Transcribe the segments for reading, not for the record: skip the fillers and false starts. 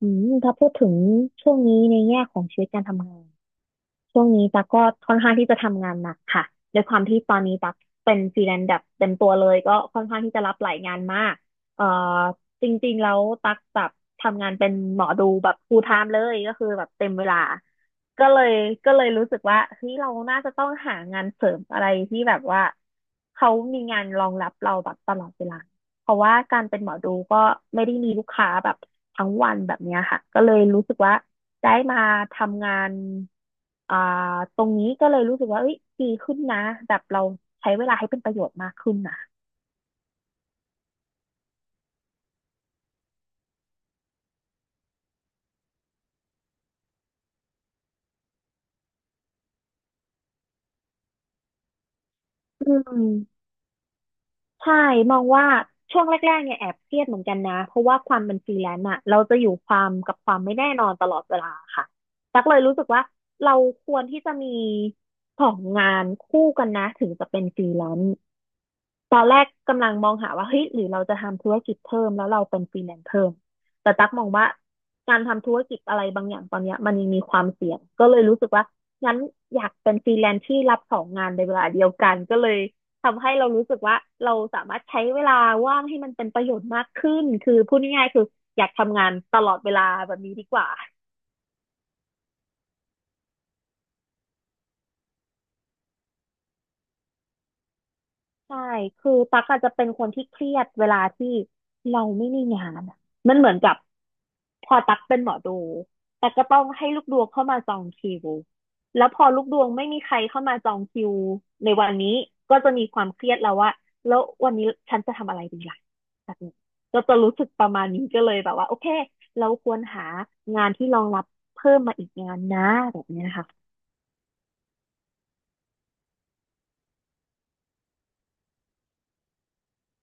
อืมถ้าพูดถึงช่วงนี้ในแง่ของชีวิตการทำงาน ช่วงนี้ตั๊กก็ค่อนข้างที่จะทำงานหนักค่ะด้วยความที่ตอนนี้ตั๊กเป็นฟรีแลนซ์แบบเต็มตัวเลยก็ค่อนข้างที่จะรับหลายงานมากเอ่อจริงๆแล้วตั๊กแบบทำงานเป็นหมอดูแบบ full time เลยก็คือแบบเต็มเวลาก็เลยก็เลยรู้สึกว่าเฮ้ยเราน่าจะต้องหางานเสริมอะไรที่แบบว่าเขามีงานรองรับเราแบบตลอดเวลาเพราะว่าการเป็นหมอดูก็ไม่ได้มีลูกค้าแบบทั้งวันแบบเนี้ยค่ะก็เลยรู้สึกว่า ได้มาทำงานอ่าตรงนี้ก็เลยรู้สึกว่าเอ้ยดีขึ้นนะแบบเราใช้เวลาให้เป็นประโยชน์มากขึ้นนะอืมใช่มองว่าช่วงแรกๆเนี่ยแอบเครียดเหมือนกันนะเพราะว่าความเป็นฟรีแลนซ์อะเราจะอยู่ความกับความไม่แน่นอนตลอดเวลาค่ะตักเลยรู้สึกว่าเราควรที่จะมีสองงานคู่กันนะถึงจะเป็นฟรีแลนซ์ ตอนแรกกำลังมองหาว่าเฮ้ยหรือเราจะทำธุรกิจเพิ่มแล้วเราเป็นฟรีแลนซ์เพิ่มแต่ตั๊กมองว่าการทำธุรกิจอะไรบางอย่างตอนเนี้ยมันยังมีความเสี่ยงก็เลยรู้สึกว่างั้นอยากเป็นฟรีแลนซ์ที่รับสองงานในเวลาเดียวกันก็เลยทำให้เรารู้สึกว่าเราสามารถใช้เวลาว่างให้มันเป็นประโยชน์มากขึ้นคือพูดง่ายๆคืออยากทำงานตลอดเวลาแบบนี้ดีกว่าใช่คือตั๊กอาจจะเป็นคนที่เครียดเวลาที่เราไม่มีงานอะมันเหมือนกับ พอตักเป็นหมอดูแต่ก็ต้องให้ลูกดวงเข้ามาจองคิวแล้วพอลูกดวงไม่มีใครเข้ามาจองคิวในวันนี้ก็จะมีความเครียดแล้วว่าแล้ววันนี้ฉันจะทำอะไรดีล่ะแบบนี้ก็จะรู้สึกประมาณนี้ก็เลยแบบว่าโอเคเราควรหางานที่รองรับเพิ่มมาอีกงานนะแบบนี้นะคะ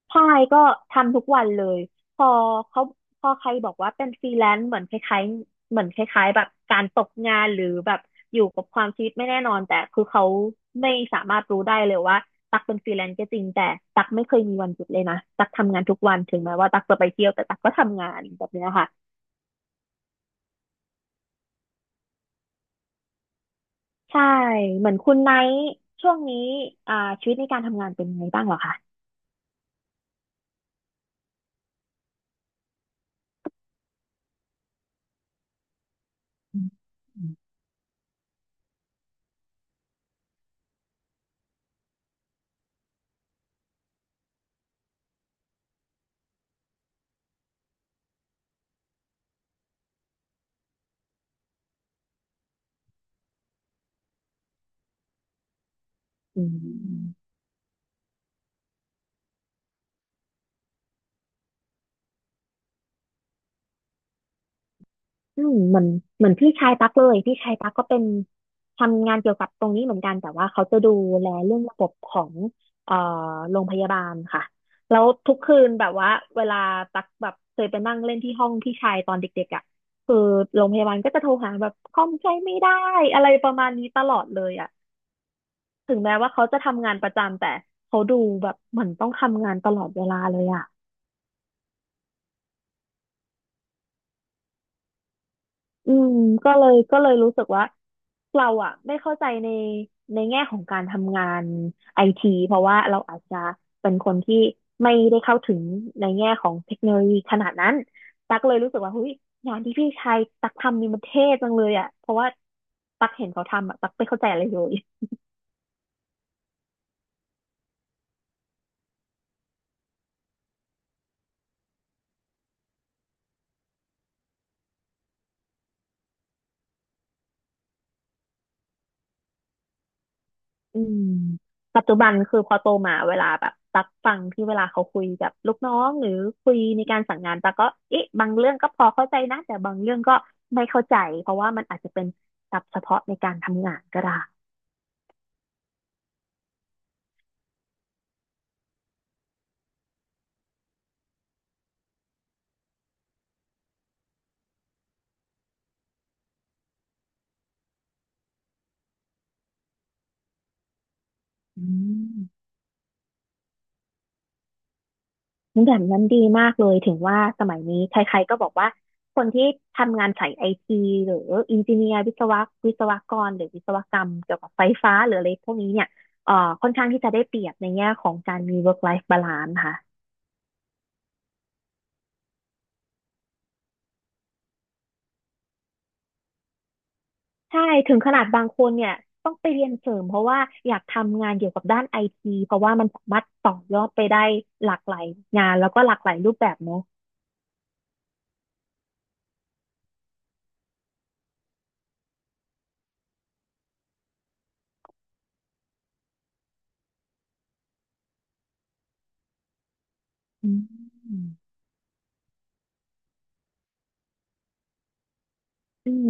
ใช่ก็ทำทุกวันเลยพอเขาพอใครบอกว่าเป็นฟรีแลนซ์เหมือนคล้ายๆเหมือนคล้ายๆแบบการตกงานหรือแบบอยู่กับความชีวิตไม่แน่นอนแต่คือเขาไม่สามารถรู้ได้เลยว่าตักเป็นฟรีแลนซ์ก็จริงแต่ตักไม่เคยมีวันหยุดเลยนะตักทำงานทุกวันถึงแม้ว่าตักจะไปเที่ยวแต่ตักก็ทำงานแบบเนี้ยค่ะใช่เหมือนคุณไนท์ช่วงนี้อ่าชีวิตในการทำงานเป็นไงบ้างเหรอคะอืมอืม อืมเหมือนพี่ชายตั๊กเลยพี่ชายตั๊กก็เป็นทำงานเกี่ยวกับตรงนี้เหมือนกันแต่ว่าเขาจะดูแลเรื่องระบบของเอ่อโรงพยาบาลค่ะแล้วทุกคืนแบบว่าเวลาตั๊กแบบเคยไปนั่งเล่นที่ห้องพี่ชายตอนเด็กๆอ่ะคือโรงพยาบาลก็จะโทรหาแบบคล่อมใจไม่ได้อะไรประมาณนี้ตลอดเลยอ่ะถึงแม้ว่าเขาจะทำงานประจำแต่เขาดูแบบเหมือนต้องทำงานตลอดเวลาเลยอ่ะอืมก็เลยรู้สึกว่า เราอะไม่เข้าใจในแง่ของการทำงานไอทีเพราะว่าเราอาจจะเป็นคนที่ไม่ได้เข้าถึงในแง่ของเทคโนโลยีขนาดนั้นตักเลยรู้สึกว่าเฮ้ยงานที่พี่ชายตักทำนี่มันเท่จังเลยอะเพราะว่าตักเห็นเขาทำอะตักไม่เข้าใจอะไรเลย อืมปัจจุบันคือพอโตมาเวลาแบบตักฟังที่เวลาเขาคุยกับลูกน้องหรือคุยในการสั่งงานตักก็เอ๊ะบางเรื่องก็พอเข้าใจนะแต่บางเรื่องก็ไม่เข้าใจเพราะว่ามันอาจจะเป็นศัพท์เฉพาะในการทำงานก็ได้อืมงั้นแบบนั้นดีมากเลยถึงว่าสมัยนี้ใครๆก็บอกว่าคนที่ทำงานสายไอทีหรืออินจิเนียร์วิศวะวิศวกรหรือวิศวกรรมเกี่ยวกับไฟฟ้าหรืออะไรพวกนี้เนี่ยเอ่อค่อนข้างที่จะได้เปรียบในแง่ของการมี work life balance ค่ะ ใช่ถึงขนาดบางคนเนี่ยต้องไปเรียนเสริมเพราะว่าอยากทำงานเกี่ยวกับด้านไอทีเพราะว่ามันสามารถต่อยอดไปได้หลากหลายงานแล้วก็หลากหลายรูปแบบเนาะอืมอืม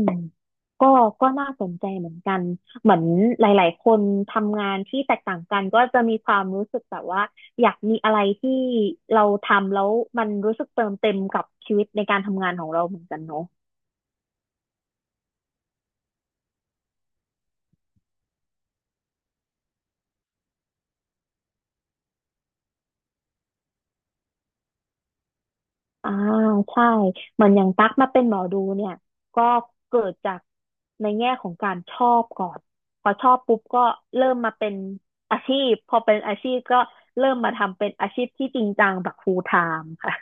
ก็ก็น่าสนใจเหมือนกันเหมือนหลายๆคนทำงานที่แตกต่างกันก็จะมีความรู้สึกแบบว่าอยากมีอะไรที่เราทำแล้วมันรู้สึกเติมเต็มกับชีวิตในการทำงานของเราเหมือนกันเนาะ อ่าใช่เหมือนอย่างตั๊กมาเป็นหมอดูเนี่ยก็เกิดจากในแง่ของการชอบก่อนพอชอบปุ๊บก็เริ่มมาเป็นอาชีพพอเป็นอาชีพก็เริ่มมาทำเป็นอาชีพที่จริงจังแบบ full time ค่ะ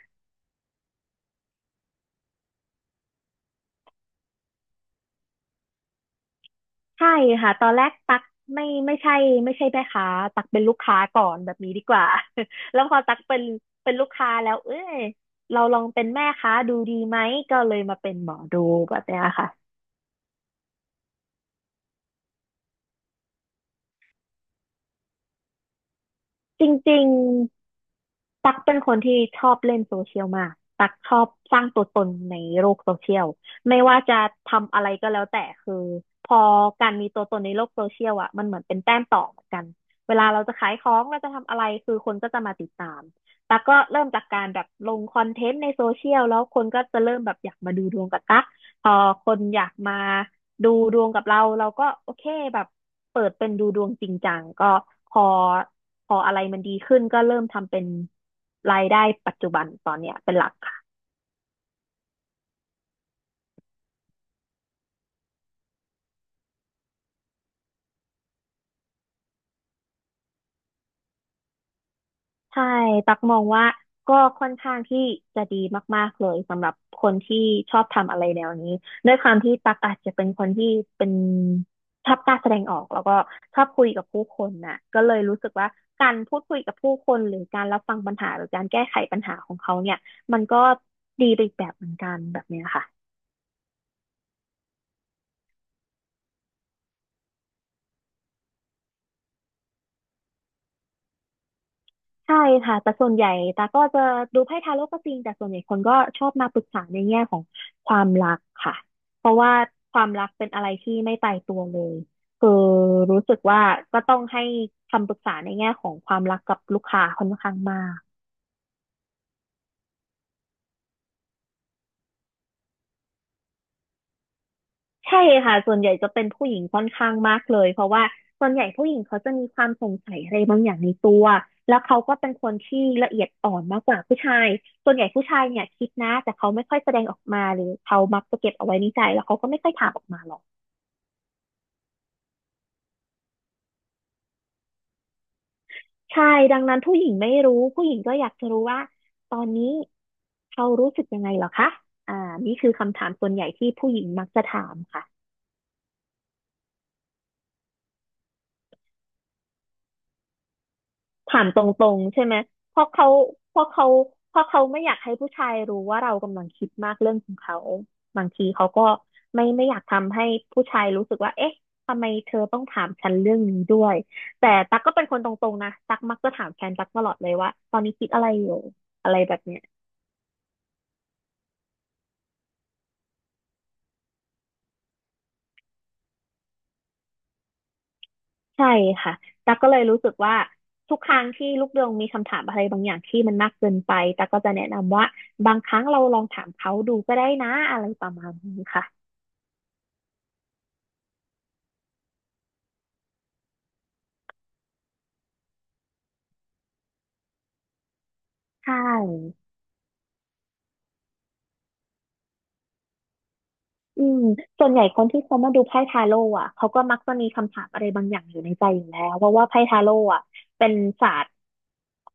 ใช่ค่ะตอนแรกตั๊กไม่ไม่ใช่ไม่ใช่แม่ค้าตั๊กเป็นลูกค้าก่อนแบบนี้ดีกว่า แล้วพอตั๊กเป็นลูกค้าแล้วเอ้ยเราลองเป็นแม่ค้าดูดีไหมก็เลยมาเป็นหมอดูแบบเนี้ยค่ะจริง ตักเป็นคนที่ชอบเล่นโซเชียลมากตักชอบสร้างตัวตนในโลกโซเชียลไม่ว่าจะทำอะไรก็แล้วแต่คือพอการมีตัวตนในโลกโซเชียลอ่ะมันเหมือนเป็นแต้มต่อเหมือนกันเวลาเราจะขายของเราจะทำอะไรคือคนก็จะมาติดตามตักก็เริ่มจากการแบบลงคอนเทนต์ในโซเชียลแล้วคนก็จะเริ่มแบบอยากมาดูดวงกับตัก พอคนอยากมาดูดวงกับเราเราก็โอเคแบบเปิดเป็นดูดวงจริงจังก็พอพออะไรมันดีขึ้นก็เริ่มทำเป็นรายได้ปัจจุบันตอนเนี้ยเป็นหลักค่ะ ใช่ตักมองว่าก็ค่อนข้างที่จะดีมากๆเลยสำหรับคนที่ชอบทำอะไรแนวนี้ด้วยความที่ตักอาจจะเป็นคนที่เป็นชอบกล้าแสดงออกแล้วก็ชอบคุยกับผู้คนน่ะก็เลยรู้สึกว่าการพูดคุยกับผู้คนหรือการรับฟังปัญหาหรือการแก้ไขปัญหาของเขาเนี่ยมันก็ดีไปอีกแบบเหมือนกันแบบเนี้ยค่ะ ใช่ค่ะแต่ส่วนใหญ่ตาก็จะดูไพ่ทาโร่ก็จริงแต่ส่วนใหญ่คนก็ชอบมาปรึกษาในแง่ของความรักค่ะเพราะว่าความรักเป็นอะไรที่ไม่ตายตัวเลยคือรู้สึกว่าก็ต้องให้คำปรึกษาในแง่ของความรักกับลูกค้าค่อนข้างมาก ใช่ค่ะส่วนใหญ่จะเป็นผู้หญิงค่อนข้างมากเลยเพราะว่าส่วนใหญ่ผู้หญิงเขาจะมีความสงสัยอะไรบางอย่างในตัวแล้วเขาก็เป็นคนที่ละเอียดอ่อนมากกว่าผู้ชายส่วนใหญ่ผู้ชายเนี่ยคิดนะแต่เขาไม่ค่อยแสดงออกมาหรือเขามักจะเก็บเอาไว้ในใจแล้วเขาก็ไม่ค่อยถามออกมาหรอกใช่ดังนั้นผู้หญิงไม่รู้ผู้หญิงก็อยากจะรู้ว่าตอนนี้เขารู้สึกยังไงเหรอคะอ่านี่คือคำถามส่วนใหญ่ที่ผู้หญิงมักจะถามค่ะ ถามตรงๆใช่ไหมเพราะเขาเพราะเขาเพราะเขาไม่อยากให้ผู้ชายรู้ว่าเรากำลังคิดมากเรื่องของเขาบางทีเขาก็ไม่อยากทำให้ผู้ชายรู้สึกว่าเอ๊ะทำไมเธอต้องถามฉันเรื่องนี้ด้วยแต่ตั๊กก็เป็นคนตรงๆนะตั๊กมักจะถามแฟนตั๊กตลอดเลยว่าตอนนี้คิดอะไรอยู่อะไรแบบเนี้ยใช่ค่ะตั๊กก็เลยรู้สึกว่าทุกครั้งที่ลูกเดืองมีคำถามอะไรบางอย่างที่มันมากเกินไปตั๊กก็จะแนะนำว่าบางครั้งเราลองถามเขาดูก็ได้นะอะไรประมาณนี้ค่ะใช่ อืมส่วนใหญ่คนที่เขามาดูไพ่ทาโร่อ่ะเขาก็มักจะมีคำถามอะไรบางอย่างอยู่ในใจอยู่แล้วเพราะว่าไพ่ทาโร่อ่ะเป็นศาสตร์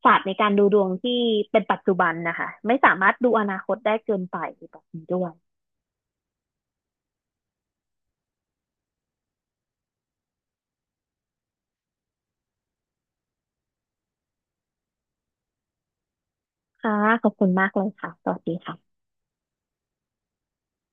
ศาสตร์ในการดูดวงที่เป็นปัจจุบันนะคะไม่สามารถดูอนาคตได้เกินไปแบบนี้ด้วยค่ะขอบคุณมากเลยค่ะสวัสดีค่ะ